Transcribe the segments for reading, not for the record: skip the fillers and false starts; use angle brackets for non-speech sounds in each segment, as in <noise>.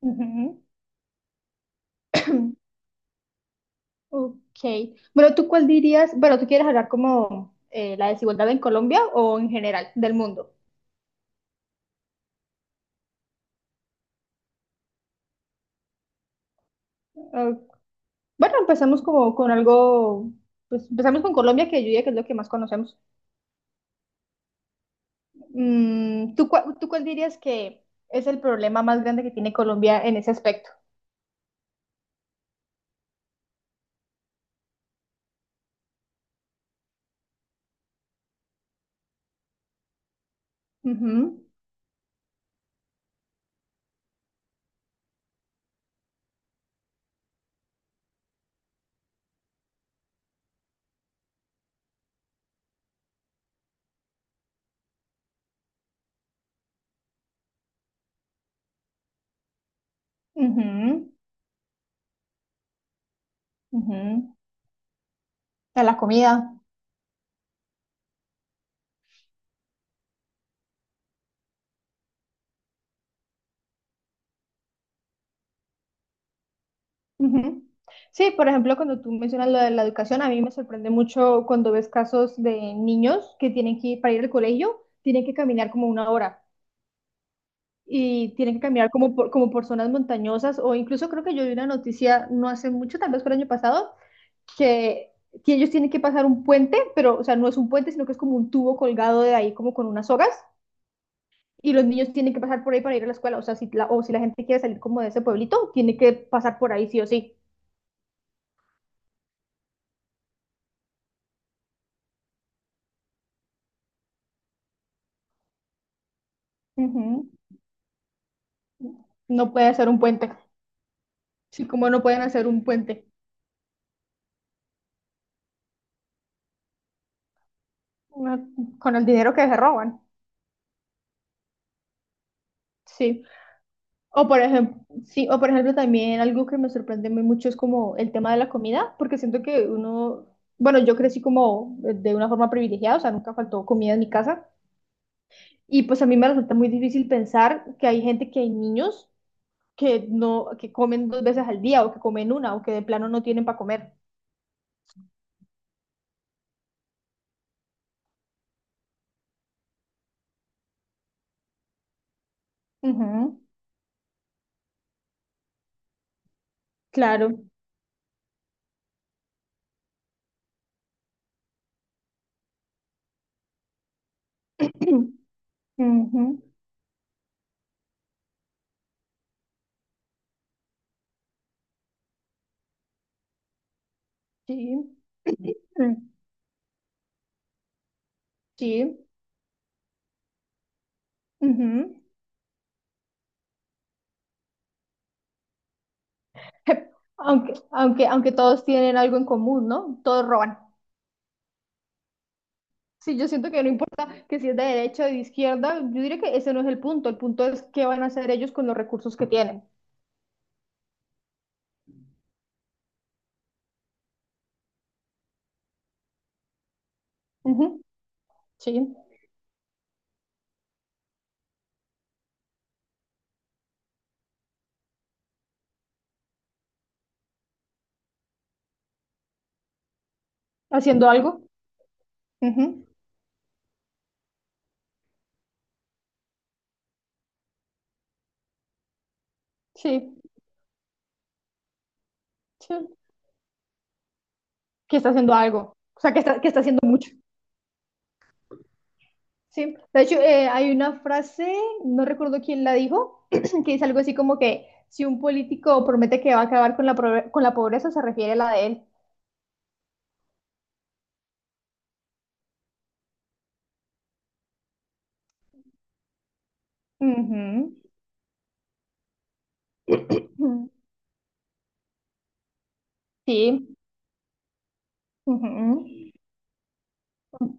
Ujú. <clears throat> Ok. Bueno, ¿tú cuál dirías? Bueno, ¿tú quieres hablar como la desigualdad en Colombia o en general del mundo? Ok. Bueno, empezamos como con algo, pues empezamos con Colombia, que yo diría que es lo que más conocemos. Mm, ¿ tú cuál dirías que es el problema más grande que tiene Colombia en ese aspecto? Ujú, ujú, ujú. A la comida. Ujú. Sí, por ejemplo, cuando tú mencionas lo de la educación, a mí me sorprende mucho cuando ves casos de niños que tienen que ir para ir al colegio, tienen que caminar como una hora y tienen que caminar como como por zonas montañosas, o incluso creo que yo vi una noticia no hace mucho, tal vez fue el año pasado, que, que ellos tienen que pasar un puente, pero o sea, no es un puente, sino que es como un tubo colgado de ahí como con unas sogas, y los niños tienen que pasar por ahí para ir a la escuela. O sea, si la gente quiere salir como de ese pueblito, tiene que pasar por ahí sí o sí. Ujú. No puede ser un puente. Sí, como no pueden hacer un puente. No, con el dinero que se roban. Sí. O por ejemplo, sí, o por ejemplo también algo que me sorprende muy mucho es como el tema de la comida, porque siento que uno, bueno, yo crecí como de una forma privilegiada, o sea, nunca faltó comida en mi casa. Y pues a mí me resulta muy difícil pensar que hay gente, que hay niños que no, que comen dos veces al día, o que comen una, o que de plano no tienen para comer. Ujú, claro. <clears throat> Ujú. Sí, mm, sí. Ujú. Aunque todos tienen algo en común, ¿no? Todos roban. Sí, yo siento que no importa que si es de derecha o de izquierda, yo diría que ese no es el punto. El punto es qué van a hacer ellos con los recursos que tienen. Ujú, sí, haciendo algo. Ujú, sí, sí, que está haciendo algo. O sea, que está haciendo mucho. Sí, de hecho, hay una frase, no recuerdo quién la dijo, <clears throat> que dice algo así como que si un político promete que va a acabar con con la pobreza, se refiere a la de él. Ujú, ujú, sí. Ujú. Ujú,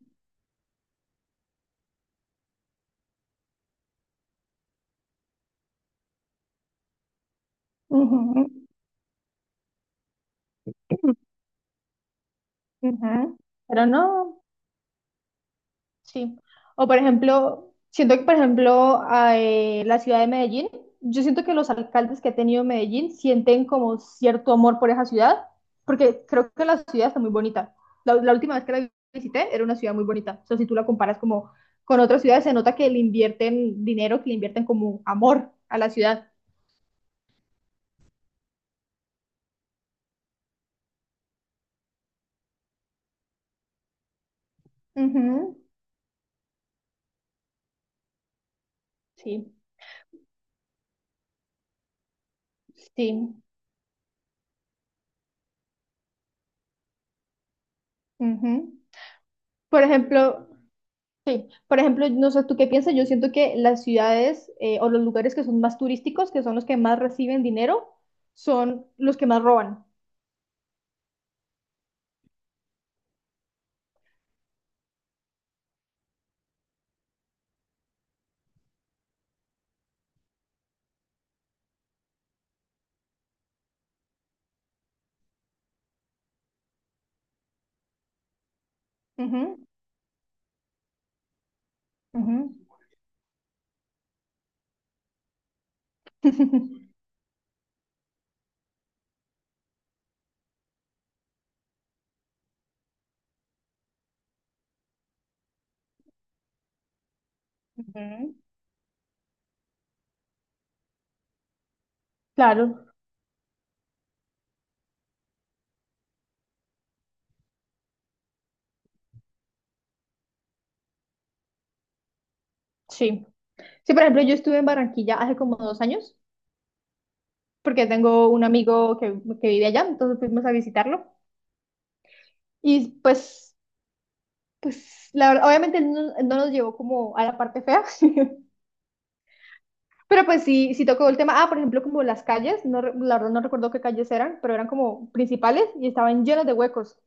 ujú. Pero no, sí. O por ejemplo, siento que por ejemplo a, la ciudad de Medellín, yo siento que los alcaldes que ha tenido Medellín sienten como cierto amor por esa ciudad, porque creo que la ciudad está muy bonita. La última vez que la visité era una ciudad muy bonita. O sea, si tú la comparas como con otras ciudades, se nota que le invierten dinero, que le invierten como amor a la ciudad. Ujú, sí, sí. Ujú. Por ejemplo, Por ejemplo, no sé, ¿tú qué piensas? Yo siento que las ciudades o los lugares que son más turísticos, que son los que más reciben dinero, son los que más roban. Ujú, ujú. <laughs> Ujú. Claro, sí. Sí, por ejemplo, yo estuve en Barranquilla hace como dos años, porque tengo un amigo que vive allá, entonces fuimos a visitarlo. Y pues, pues, la verdad, obviamente él no, no nos llevó como a la parte fea. <laughs> Pero pues sí, sí tocó el tema. Ah, por ejemplo, como las calles, no, re- la verdad no recuerdo qué calles eran, pero eran como principales y estaban llenas de huecos.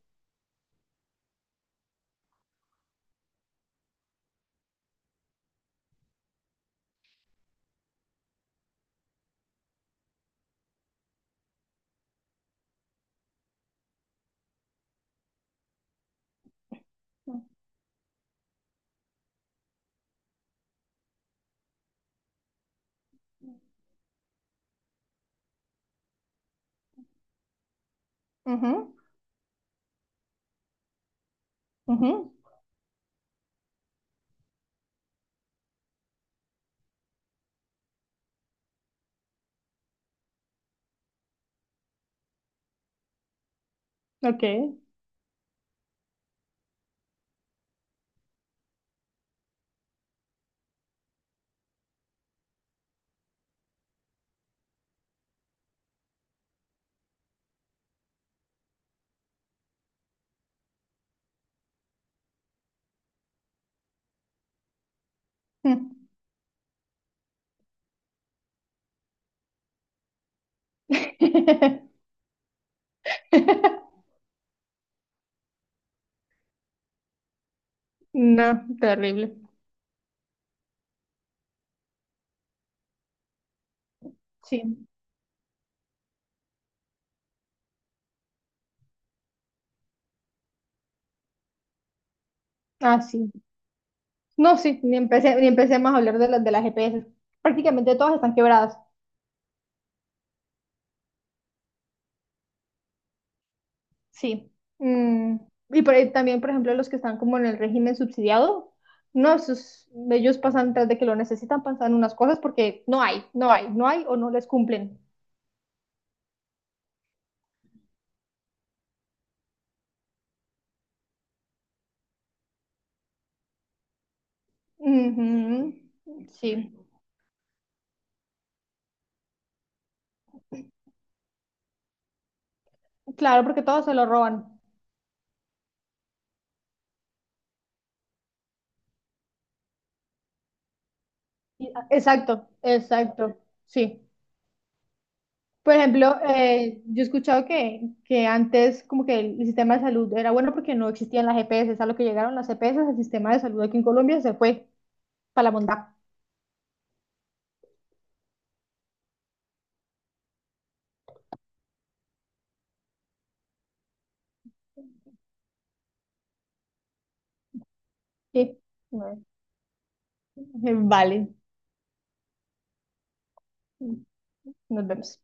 Ujú, ujú, ok. Mm. <laughs> No, terrible. Sí. Ah, sí. No, sí, ni empecé más a hablar de las GPS. Prácticamente todas están quebradas. Sí. Mm, y por ahí también, por ejemplo, los que están como en el régimen subsidiado, no, esos- ellos pasan tras de que lo necesitan, pasan unas cosas porque no hay, no hay, no hay, o no les cumplen. Ujú, sí, claro, porque todos se lo roban. Y- ah, exacto, exacto, sí. Por ejemplo, yo he escuchado que antes como que el sistema de salud era bueno porque no existían las EPS, a lo que llegaron las EPS, el sistema de salud aquí en Colombia se fue para la bondad. Sí, bueno, <laughs> vale. Nos vemos.